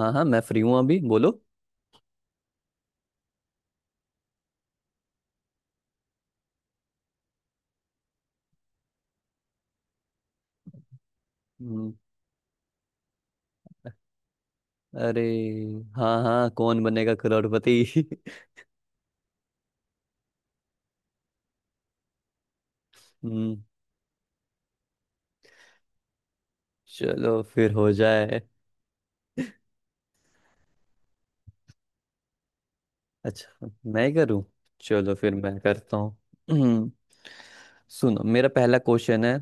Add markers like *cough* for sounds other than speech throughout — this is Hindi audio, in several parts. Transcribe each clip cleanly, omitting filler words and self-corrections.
हाँ हाँ, मैं फ्री हूँ। अभी बोलो। हम्म, अरे, हाँ हाँ, कौन बनेगा करोड़पति। *laughs* हम्म। चलो फिर हो जाए। अच्छा, मैं करूँ? चलो फिर मैं करता हूँ। *clears throat* हम्म, सुनो, मेरा पहला क्वेश्चन है।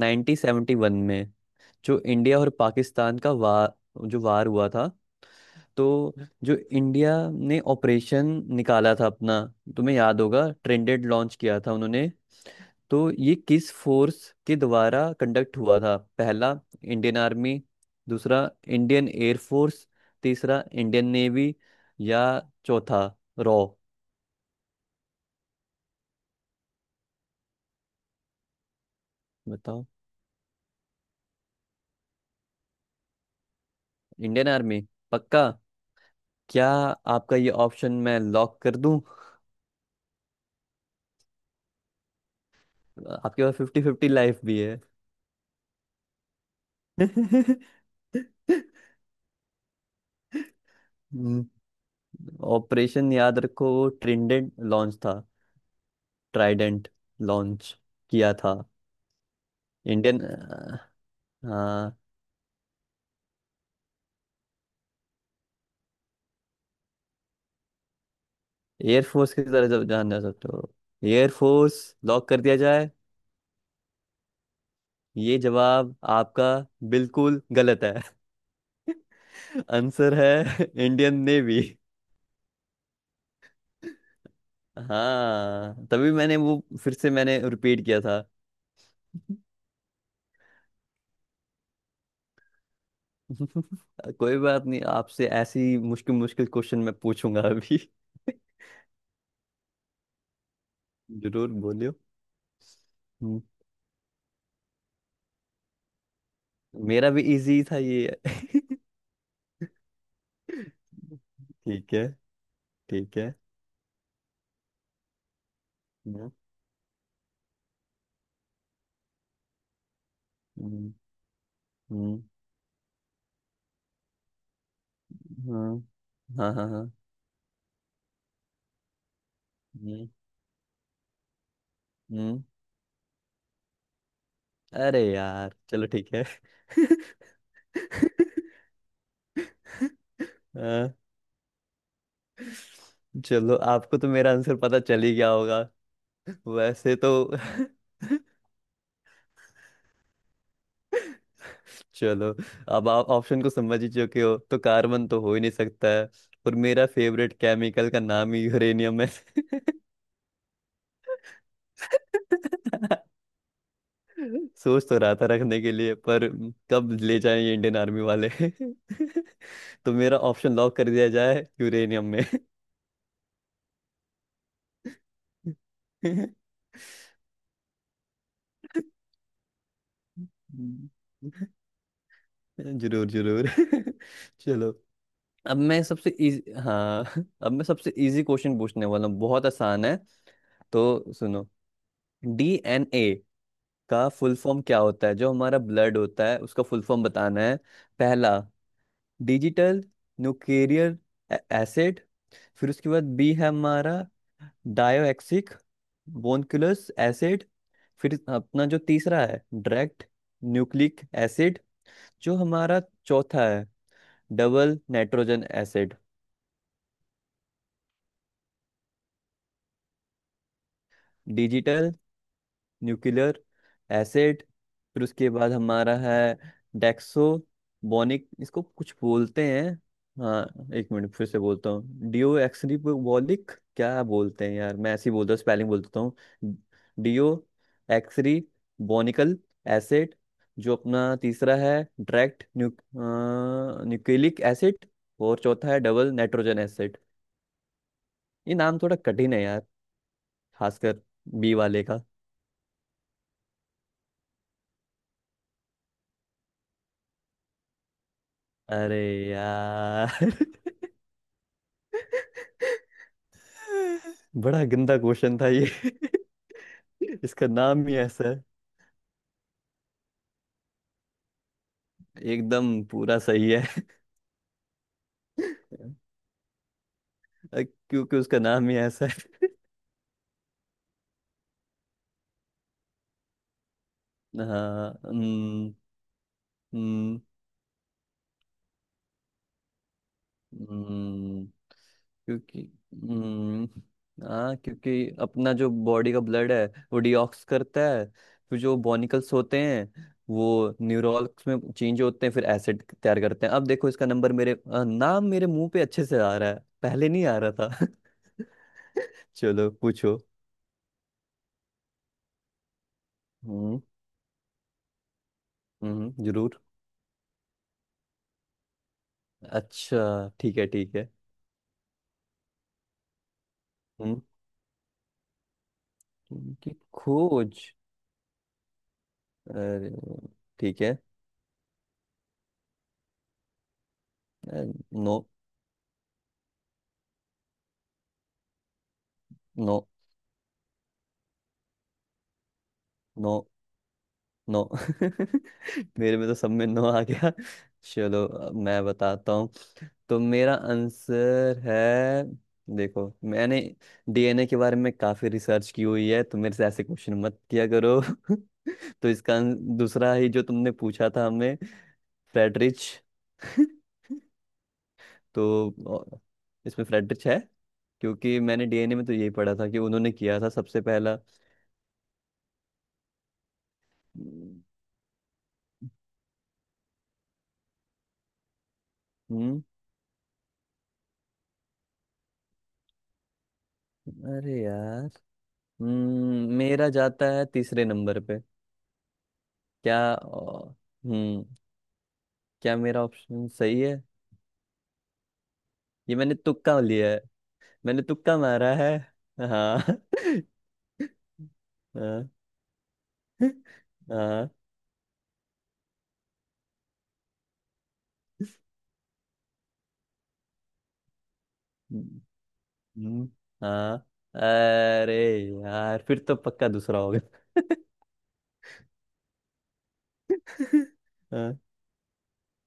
1971 में जो इंडिया और पाकिस्तान का वार, जो वार हुआ था तो जो इंडिया ने ऑपरेशन निकाला था अपना, तुम्हें याद होगा ट्रेंडेड लॉन्च किया था उन्होंने। तो ये किस फोर्स के द्वारा कंडक्ट हुआ था? पहला इंडियन आर्मी, दूसरा इंडियन एयर फोर्स, तीसरा इंडियन नेवी, या चौथा रॉ। बताओ। Indian Army? पक्का? क्या आपका ये ऑप्शन मैं लॉक कर दूं? आपके पास फिफ्टी फिफ्टी लाइफ भी है। *laughs* ऑपरेशन याद रखो, वो ट्रिडेंट लॉन्च था। ट्राइडेंट लॉन्च किया था। इंडियन एयरफोर्स की तरह जब जानना सकते हो। एयरफोर्स लॉक कर दिया जाए? ये जवाब आपका बिल्कुल गलत है। *laughs* आंसर है इंडियन नेवी। हाँ, तभी मैंने वो फिर से मैंने रिपीट किया था। *laughs* कोई बात नहीं, आपसे ऐसी मुश्किल मुश्किल क्वेश्चन मैं पूछूंगा अभी। *laughs* जरूर बोलियो। हम्म, मेरा भी इजी था ये। *laughs* ठीक है, ठीक है। हम्म हम्म हम्म, हाँ हाँ हाँ हाँ। हम्म हम्म, अरे यार, चलो ठीक है। *laughs* आ, चलो, आपको तो मेरा आंसर पता चल ही गया होगा वैसे तो। *laughs* चलो, अब आप ऑप्शन को समझ ही चुके हो तो कार्बन तो हो ही नहीं सकता है। और मेरा फेवरेट केमिकल का नाम ही यूरेनियम है। *laughs* सोच तो रहा था रखने के लिए, पर कब ले जाएं ये इंडियन आर्मी वाले। *laughs* तो मेरा ऑप्शन लॉक कर दिया जाए यूरेनियम में। *laughs* हम्म, जरूर जरूर। *laughs* चलो, अब मैं सबसे इजी, हाँ, *laughs* अब मैं सबसे इजी क्वेश्चन पूछने वाला हूँ, बहुत आसान है। तो सुनो, डीएनए का फुल फॉर्म क्या होता है, जो हमारा ब्लड होता है उसका फुल फॉर्म बताना है। पहला डिजिटल न्यूक्लियर एसिड, फिर उसके बाद बी है हमारा डायोक्सिक बोनक्यूलस एसिड, फिर अपना जो तीसरा है डायरेक्ट न्यूक्लिक एसिड, जो हमारा चौथा है double nitrogen acid. Digital nuclear acid, फिर उसके बाद हमारा है डेक्सो बोनिक, इसको कुछ बोलते हैं, हाँ, एक मिनट फिर से बोलता हूँ, डिओ एक्सरीबोलिक, क्या बोलते हैं यार, मैं ऐसे ही बोलता हूँ, स्पेलिंग बोल देता हूँ। डिओ एक्सरी बोनिकल एसिड, जो अपना तीसरा है डायरेक्ट न्यूक्लिक एसिड, और चौथा है डबल नाइट्रोजन एसिड। ये नाम थोड़ा कठिन है यार, खासकर बी वाले का। अरे यार, *laughs* बड़ा गंदा क्वेश्चन था ये। *laughs* इसका नाम ही ऐसा है। एकदम पूरा सही है। *laughs* क्योंकि उसका नाम ही ऐसा है। हाँ। हम्म, हम्म, क्योंकि हम्म हाँ, क्योंकि अपना जो बॉडी का ब्लड है, वो डिऑक्स करता है, फिर जो बॉनिकल्स होते हैं वो न्यूरॉल्स में चेंज होते हैं, फिर एसिड तैयार करते हैं। अब देखो, इसका नंबर मेरे नाम मेरे मुंह पे अच्छे से आ रहा है, पहले नहीं आ रहा था। *laughs* चलो पूछो। हम्म हम्म, जरूर। अच्छा ठीक है, ठीक है। हम्म उनकी खोज। अरे, ठीक है। अ, नो, नो, नो, नो। *laughs* मेरे में तो सब में नो आ गया। चलो अब मैं बताता हूँ। तो मेरा आंसर है, देखो, मैंने डीएनए के बारे में काफी रिसर्च की हुई है तो मेरे से ऐसे क्वेश्चन मत किया करो। *laughs* तो इसका दूसरा ही जो तुमने पूछा था हमें, फ्रेडरिच। *laughs* तो अ, इसमें फ्रेडरिच है, क्योंकि मैंने डीएनए में तो यही पढ़ा था कि उन्होंने किया था सबसे पहला। हम्म अरे यार। मेरा जाता है तीसरे नंबर पे। क्या, हम्म क्या मेरा ऑप्शन सही है? ये मैंने तुक्का लिया है। मैंने तुक्का मारा है, हाँ। *laughs* हाँ हाँ। हम्म, हाँ। अरे यार, फिर तो पक्का दूसरा होगा। *laughs* हाँ,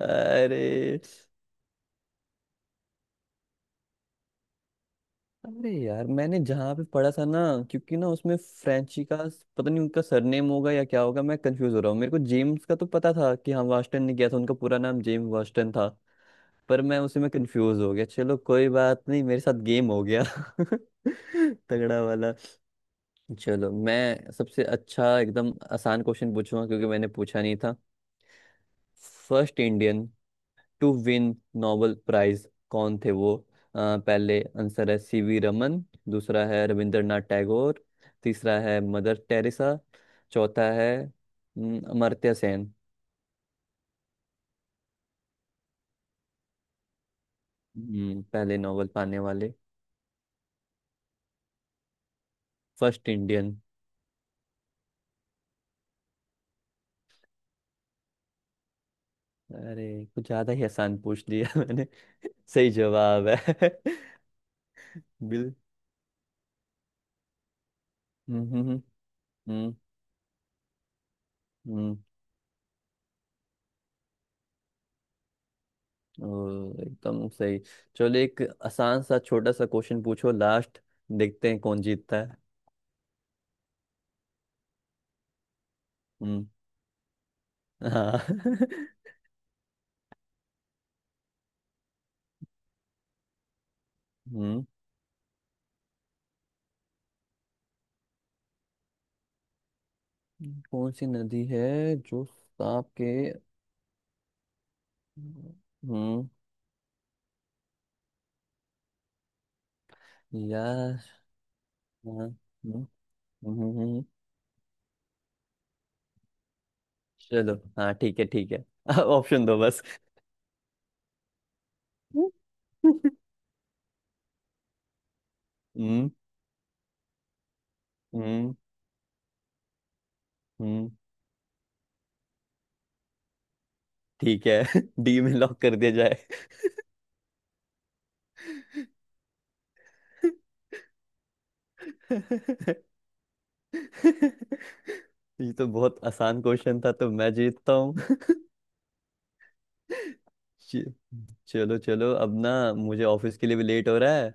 अरे, अरे यार, मैंने जहाँ पे पढ़ा था ना, क्योंकि ना उसमें फ्रेंची का पता नहीं उनका सरनेम होगा या क्या होगा, मैं कंफ्यूज हो रहा हूँ। मेरे को जेम्स का तो पता था कि हाँ वास्टन ने किया था, उनका पूरा नाम जेम्स वास्टन था, पर मैं उसी में कंफ्यूज हो गया। चलो कोई बात नहीं, मेरे साथ गेम हो गया। *laughs* तगड़ा वाला। चलो, मैं सबसे अच्छा एकदम आसान क्वेश्चन पूछूंगा क्योंकि मैंने पूछा नहीं था। First Indian to win Nobel Prize कौन थे वो? अ, पहले आंसर है सी वी रमन, दूसरा है रविंद्रनाथ टैगोर, तीसरा है मदर टेरेसा, चौथा है अमर्त्य सेन। पहले नोबेल पाने वाले फर्स्ट इंडियन। अरे, कुछ ज्यादा ही आसान पूछ लिया *laughs* मैंने। सही जवाब है। *laughs* बिल। हम्म हम्म हम्म हम्म, ओ, एकदम सही। चलो, एक आसान सा छोटा सा क्वेश्चन पूछो लास्ट, देखते हैं कौन जीतता है। हम्म हाँ। *laughs* हम्म कौन सी नदी है जो सांप के? हम्म यार, हाँ। हम्म, हम्म, हम्म, हम्म। चलो, हाँ ठीक है, ठीक है। *laughs* ऑप्शन दो बस। *laughs* हम्म हम्म हम्म ठीक है। *laughs* डी में लॉक कर दिया जाए। *laughs* ये तो बहुत आसान क्वेश्चन था, तो मैं जीतता हूँ। *laughs* चलो चलो, अब ना मुझे ऑफिस के लिए भी लेट हो रहा है,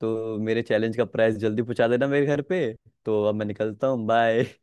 तो मेरे चैलेंज का प्राइस जल्दी पहुंचा देना मेरे घर पे। तो अब मैं निकलता हूँ, बाय।